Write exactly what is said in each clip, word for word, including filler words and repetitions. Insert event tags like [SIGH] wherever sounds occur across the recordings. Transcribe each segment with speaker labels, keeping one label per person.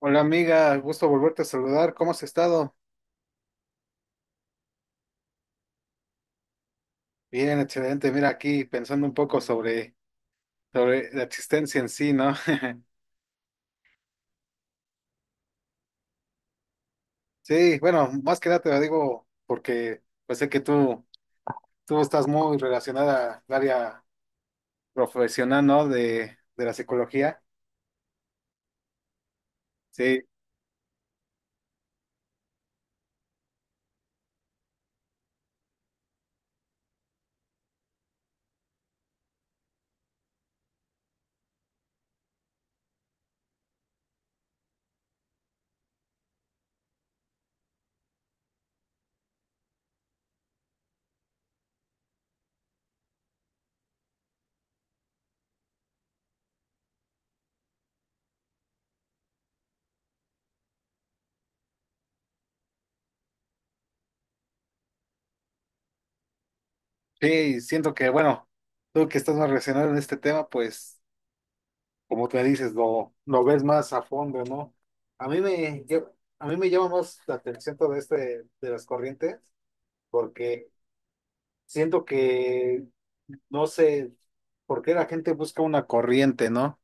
Speaker 1: Hola amiga, gusto volverte a saludar. ¿Cómo has estado? Bien, excelente. Mira, aquí pensando un poco sobre, sobre la existencia en sí, ¿no? [LAUGHS] Sí, bueno, más que nada te lo digo porque pues sé que tú, tú estás muy relacionada al área profesional, ¿no? De, de la psicología. Sí, sí, y siento que, bueno, tú que estás más relacionado en este tema, pues como te dices, lo, lo ves más a fondo, ¿no? A mí me, lle- a mí me llama más la atención todo este de las corrientes porque siento que no sé por qué la gente busca una corriente, ¿no?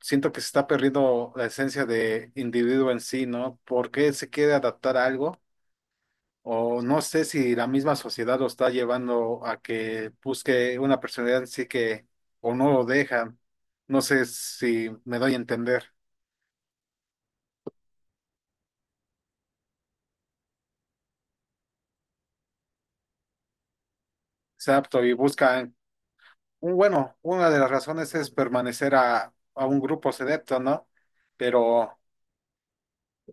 Speaker 1: Siento que se está perdiendo la esencia de individuo en sí, ¿no? ¿Por qué se quiere adaptar a algo? O no sé si la misma sociedad lo está llevando a que busque una personalidad en sí que o no lo dejan. No sé si me doy a entender. Exacto, y buscan, un- bueno, una de las razones es permanecer a, a un grupo selecto, ¿no? Pero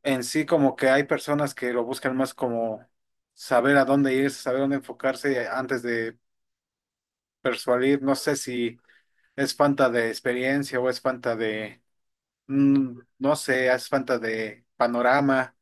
Speaker 1: en sí como que hay personas que lo buscan más como saber a dónde ir, saber dónde enfocarse antes de persuadir. No sé si es falta de experiencia o es falta de, mm, no sé, es falta de panorama.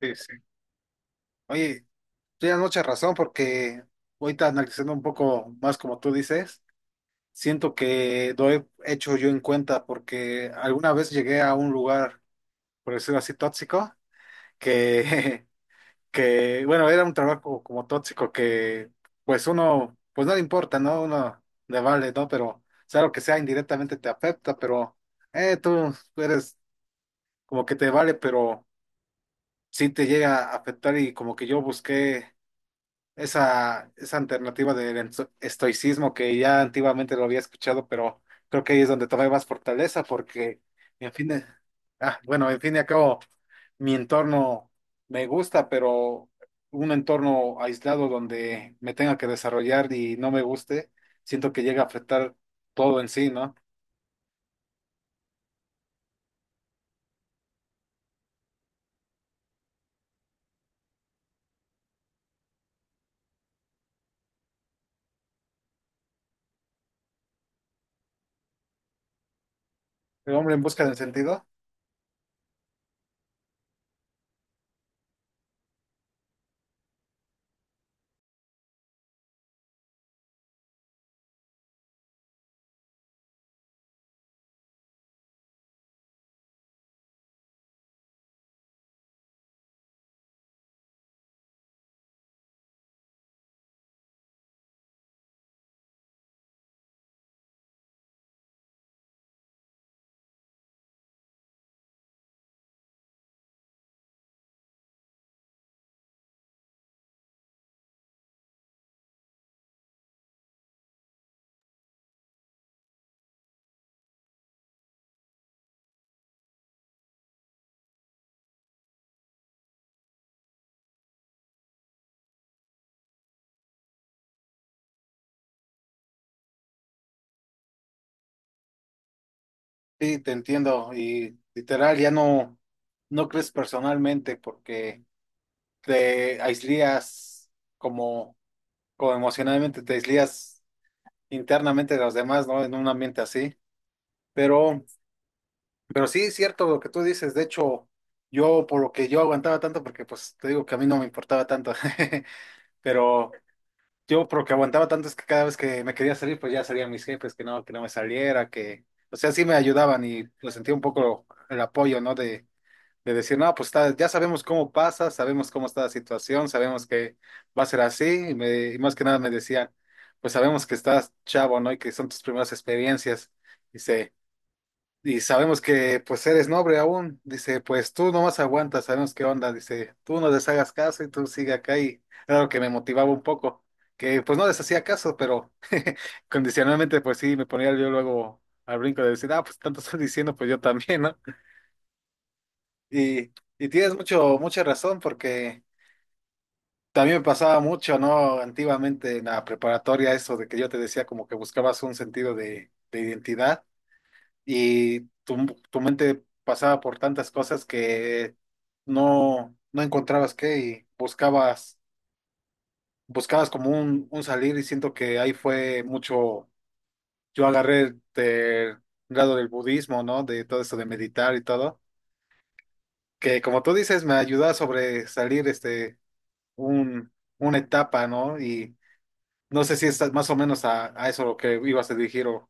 Speaker 1: Sí, sí. Oye, tienes mucha razón porque ahorita analizando un poco más como tú dices, siento que lo he hecho yo en cuenta porque alguna vez llegué a un lugar, por decirlo así, tóxico, que [LAUGHS] que, bueno, era un trabajo como tóxico que, pues uno, pues no le importa, ¿no? Uno le vale, ¿no? Pero, sea lo que sea, indirectamente te afecta, pero, eh, tú eres como que te vale, pero sí te llega a afectar y como que yo busqué esa, esa alternativa del enzo- estoicismo que ya antiguamente lo había escuchado, pero creo que ahí es donde tomé más fortaleza porque, en fin, de- ah, bueno, en fin y al cabo, mi entorno me gusta, pero un entorno aislado donde me tenga que desarrollar y no me guste, siento que llega a afectar todo en sí, ¿no? El hombre en busca del sentido. Sí, te entiendo y literal ya no, no crees personalmente porque te aislías como o emocionalmente te aíslas internamente de los demás, ¿no? En un ambiente así. Pero, pero sí es cierto lo que tú dices. De hecho, yo por lo que yo aguantaba tanto, porque pues te digo que a mí no me importaba tanto, [LAUGHS] pero yo por lo que aguantaba tanto es que cada vez que me quería salir, pues ya salían mis jefes, que no, que no me saliera, que, o sea, sí me ayudaban y pues sentía un poco el apoyo, ¿no? De, de decir, no, pues está- ya sabemos cómo pasa, sabemos cómo está la situación, sabemos que va a ser así, y, me- y más que nada me decían, pues sabemos que estás chavo, ¿no? Y que son tus primeras experiencias, dice, y sabemos que pues eres noble aún, dice, pues tú nomás aguantas, sabemos qué onda, dice, tú no les hagas caso y tú sigue acá, y era lo que me motivaba un poco, que pues no les hacía caso, pero [LAUGHS] condicionalmente pues sí, me ponía yo luego al brinco de decir, ah, pues tanto están diciendo, pues yo también, ¿no? Y, y tienes mucho, mucha razón porque también me pasaba mucho, ¿no? Antiguamente en la preparatoria eso de que yo te decía como que buscabas un sentido de, de identidad y tu, tu mente pasaba por tantas cosas que no, no encontrabas qué y buscabas, buscabas como un, un salir y siento que ahí fue mucho, yo agarré el grado del budismo, ¿no? De todo eso de meditar y todo, que como tú dices me ayudaba sobre salir este un, una etapa, ¿no? Y no sé si estás más o menos a, a eso lo que ibas a dirigir o...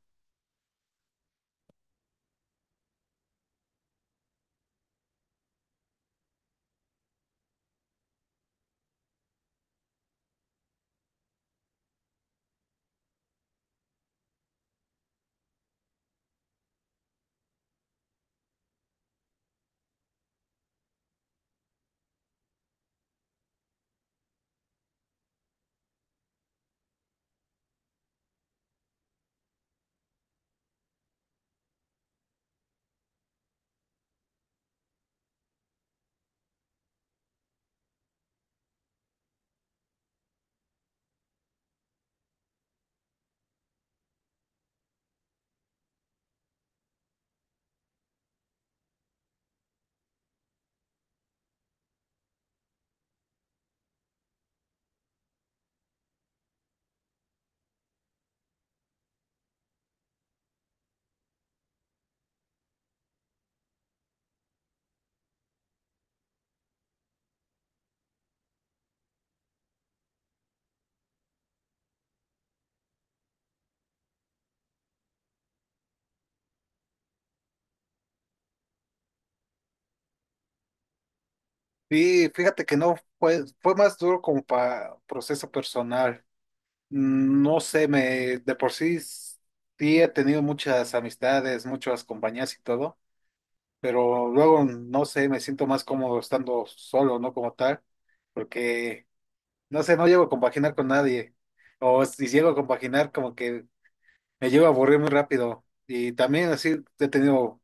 Speaker 1: Sí, fíjate que no fue, fue más duro como para proceso personal. No sé, me de por sí s- sí he tenido muchas amistades, muchas compañías y todo, pero luego no sé, me siento más cómodo estando solo, ¿no? Como tal, porque no sé, no llego a compaginar con nadie. O si llego a compaginar, como que me llego a aburrir muy rápido. Y también así he tenido,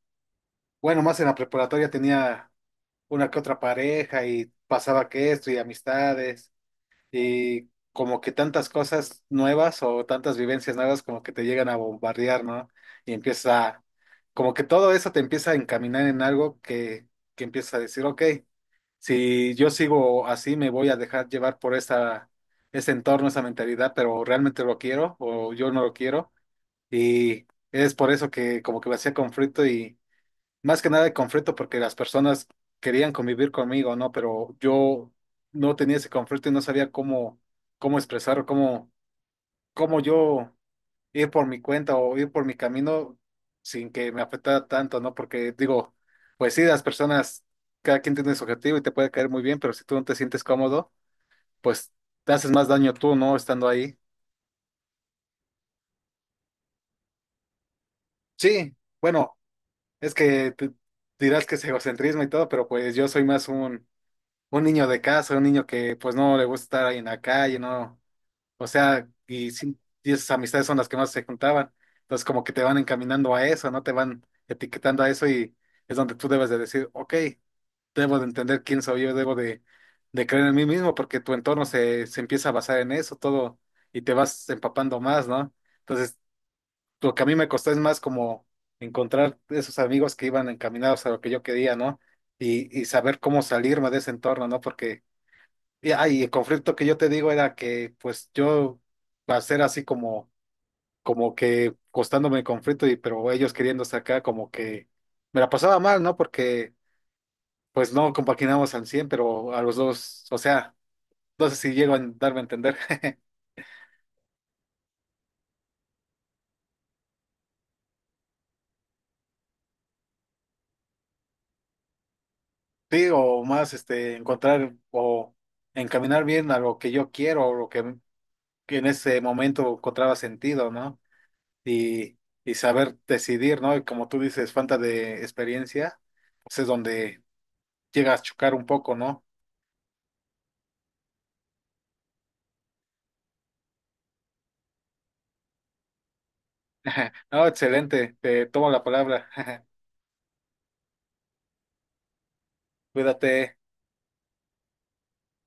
Speaker 1: bueno, más en la preparatoria tenía una que otra pareja y pasaba que esto y amistades y como que tantas cosas nuevas o tantas vivencias nuevas como que te llegan a bombardear, ¿no? Y empieza, como que todo eso te empieza a encaminar en algo que, que empieza a decir, ok, si yo sigo así me voy a dejar llevar por esa, ese entorno, esa mentalidad, pero realmente lo quiero o yo no lo quiero y es por eso que como que me hacía conflicto y más que nada el conflicto porque las personas querían convivir conmigo, ¿no? Pero yo no tenía ese conflicto y no sabía cómo, cómo expresar, cómo, cómo yo ir por mi cuenta o ir por mi camino sin que me afectara tanto, ¿no? Porque digo, pues sí, las personas, cada quien tiene su objetivo y te puede caer muy bien, pero si tú no te sientes cómodo, pues te haces más daño tú, ¿no? Estando ahí. Sí, bueno, es que te- dirás que es egocentrismo y todo, pero pues yo soy más un un niño de casa, un niño que pues no le gusta estar ahí en la calle, ¿no? O sea, y, sin- y esas amistades son las que más se juntaban. Entonces como que te van encaminando a eso, ¿no? Te van etiquetando a eso y es donde tú debes de decir, ok, debo de entender quién soy yo, debo de, de creer en mí mismo porque tu entorno se, se empieza a basar en eso todo y te vas empapando más, ¿no? Entonces lo que a mí me costó es más como encontrar esos amigos que iban encaminados a lo que yo quería, ¿no? Y, y saber cómo salirme de ese entorno, ¿no? Porque y, ah, y el conflicto que yo te digo era que pues yo va a ser así como, como que costándome el conflicto, y pero ellos queriendo sacar como que me la pasaba mal, ¿no? Porque pues no compaginamos al cien pero a los dos, o sea, no sé si llego a darme a entender. [LAUGHS] Sí, o más este encontrar o encaminar bien a lo que yo quiero, o lo que, que en ese momento encontraba sentido, ¿no? Y, y saber decidir, ¿no? Y como tú dices, falta de experiencia pues es donde llega a chocar un poco, ¿no? [LAUGHS] No, excelente, te tomo la palabra. [LAUGHS] Cuídate.